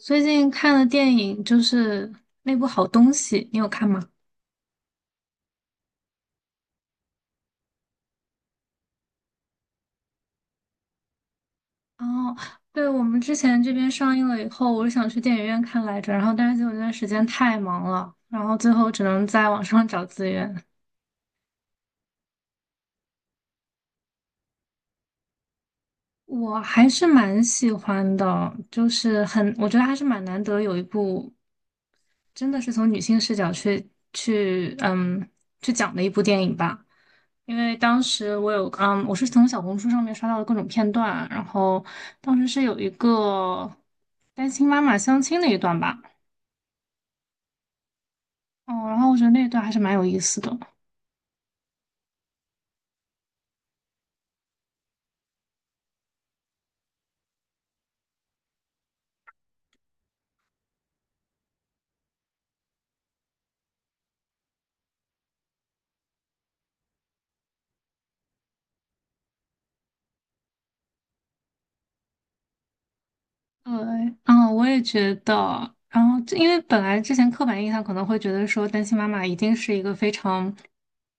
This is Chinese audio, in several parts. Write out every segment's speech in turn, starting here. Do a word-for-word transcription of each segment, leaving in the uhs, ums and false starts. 最近看的电影就是那部《好东西》，你有看吗？哦，对，我们之前这边上映了以后，我是想去电影院看来着，然后但是结果那段时间太忙了，然后最后只能在网上找资源。我还是蛮喜欢的，就是很，我觉得还是蛮难得有一部真的是从女性视角去去嗯去讲的一部电影吧。因为当时我有，嗯，我是从小红书上面刷到的各种片段，然后当时是有一个单亲妈妈相亲那一段吧，哦，然后我觉得那一段还是蛮有意思的。对，嗯，我也觉得。然后这，因为本来之前刻板印象可能会觉得说单亲妈妈一定是一个非常，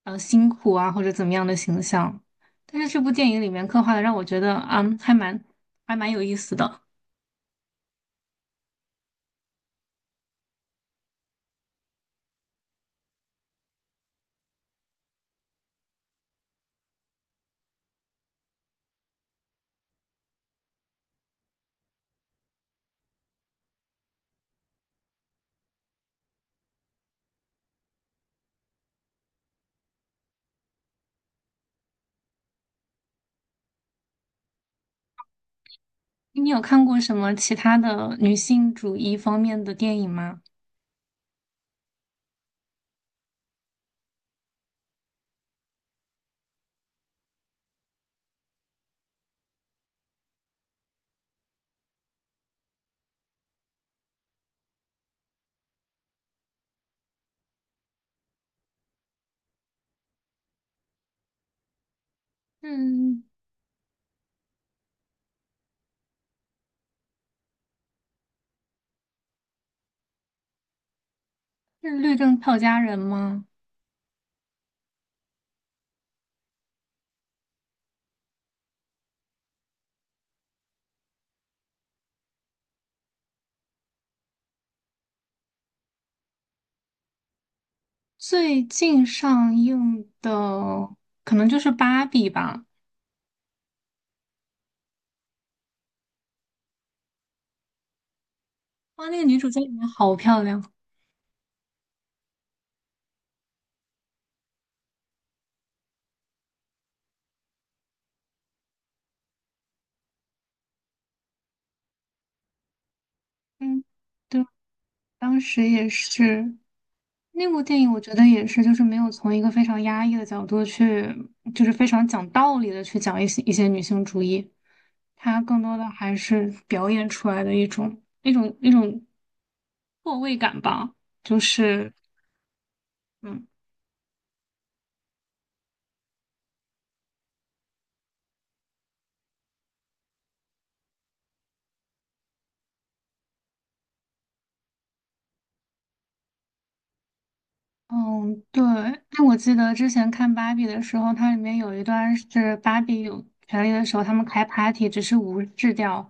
呃，辛苦啊或者怎么样的形象，但是这部电影里面刻画的让我觉得，嗯，还蛮还蛮有意思的。你有看过什么其他的女性主义方面的电影吗？嗯，是律政俏佳人吗？最近上映的可能就是《芭比》吧。哇，那个女主在里面好漂亮。嗯，对，当时也是那部电影，我觉得也是，就是没有从一个非常压抑的角度去，就是非常讲道理的去讲一些一些女性主义，它更多的还是表演出来的一种一种一种错位感吧，就是。嗯。嗯，对，哎，我记得之前看芭比的时候，它里面有一段是芭比有权利的时候，他们开 party 只是无视掉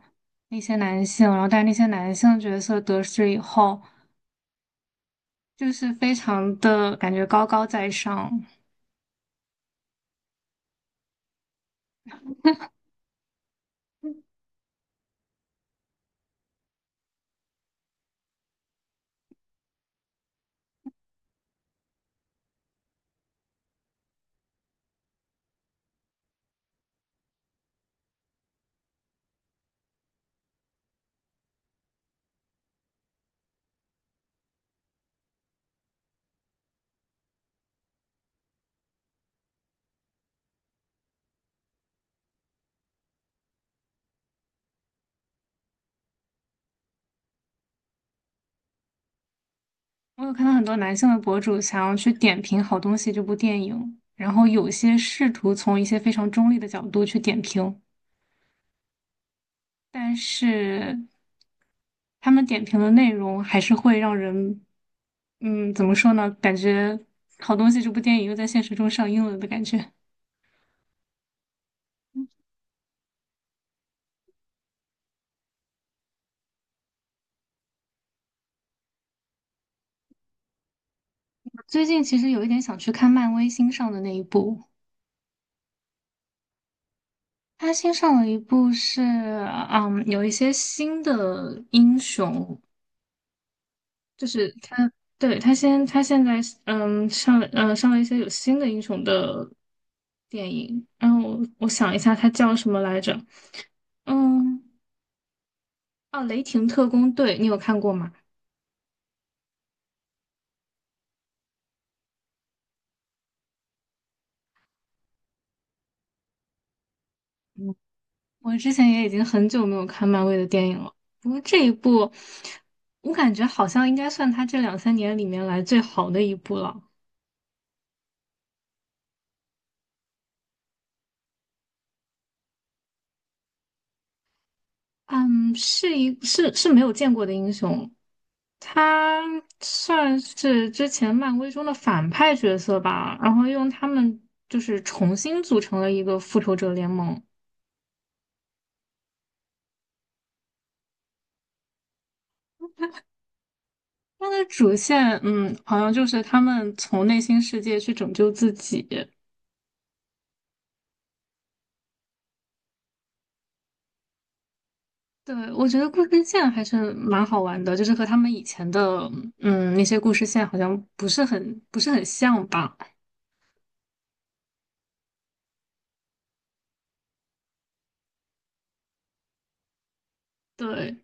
那些男性，然后但是那些男性角色得势以后，就是非常的感觉高高在上。我有看到很多男性的博主想要去点评好东西这部电影，然后有些试图从一些非常中立的角度去点评。但是他们点评的内容还是会让人，嗯，怎么说呢？感觉好东西，这部电影又在现实中上映了的感觉。我最近其实有一点想去看漫威新上的那一部，他新上了一部是，嗯，有一些新的英雄，就是他对，他先，他现在，嗯，上，嗯上了一些有新的英雄的电影，然后我我想一下，它叫什么来着？嗯，哦，雷霆特工队，你有看过吗？我之前也已经很久没有看漫威的电影了，不过这一部，我感觉好像应该算他这两三年里面来最好的一部了。嗯，是一是是没有见过的英雄，他算是之前漫威中的反派角色吧，然后用他们就是重新组成了一个复仇者联盟。它的主线，嗯，好像就是他们从内心世界去拯救自己，对，我觉得故事线还是蛮好玩的，就是和他们以前的嗯那些故事线好像不是很不是很像吧？对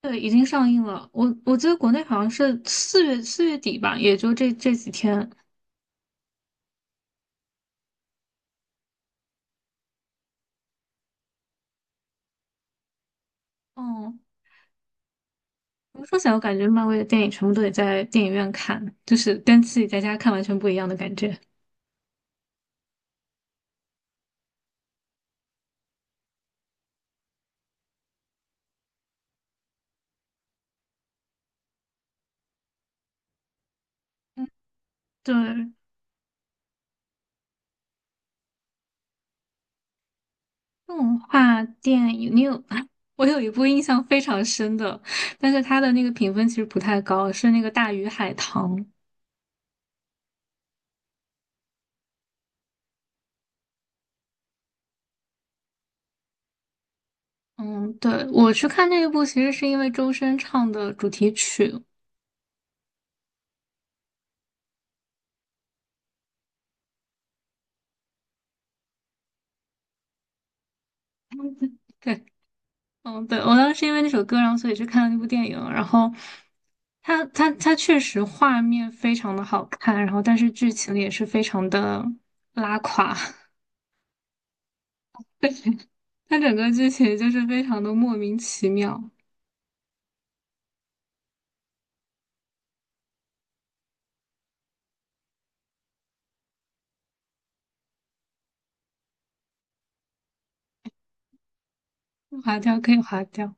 对，已经上映了，我我记得国内好像是四月四月底吧，也就这这几天。嗯，怎么说起来，我感觉漫威的电影全部都得在电影院看，就是跟自己在家看完全不一样的感觉。嗯，对，动画电影，你有 我有一部印象非常深的，但是它的那个评分其实不太高，是那个《大鱼海棠》。嗯，对，我去看那一部，其实是因为周深唱的主题曲。对，嗯，对，我当时因为那首歌，然后所以去看了那部电影。然后它，它，它确实画面非常的好看，然后但是剧情也是非常的拉垮。它整个剧情就是非常的莫名其妙，划掉可以划掉。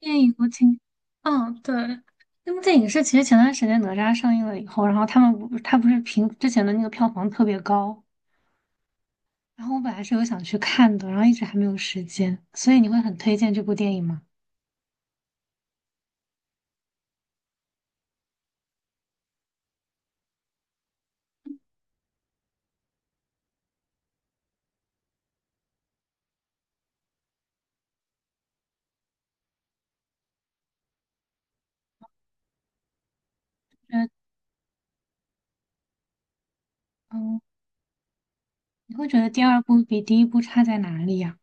电影我挺，嗯，对，那部电影是其实前段时间哪吒上映了以后，然后他们不，它不是评之前的那个票房特别高。然后我本来是有想去看的，然后一直还没有时间，所以你会很推荐这部电影吗？觉嗯，你会觉得第二部比第一部差在哪里呀？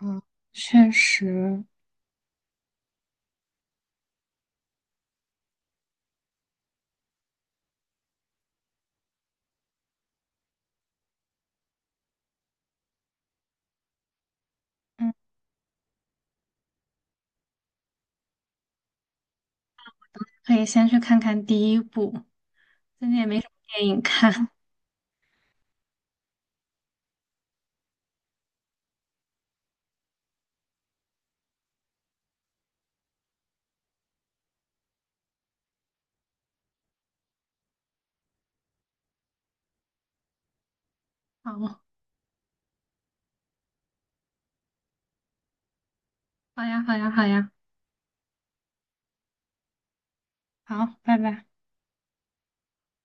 嗯，确实，嗯，可以先去看看第一部，最近也没什么电影看。好，好呀，好呀，好呀，好，拜拜。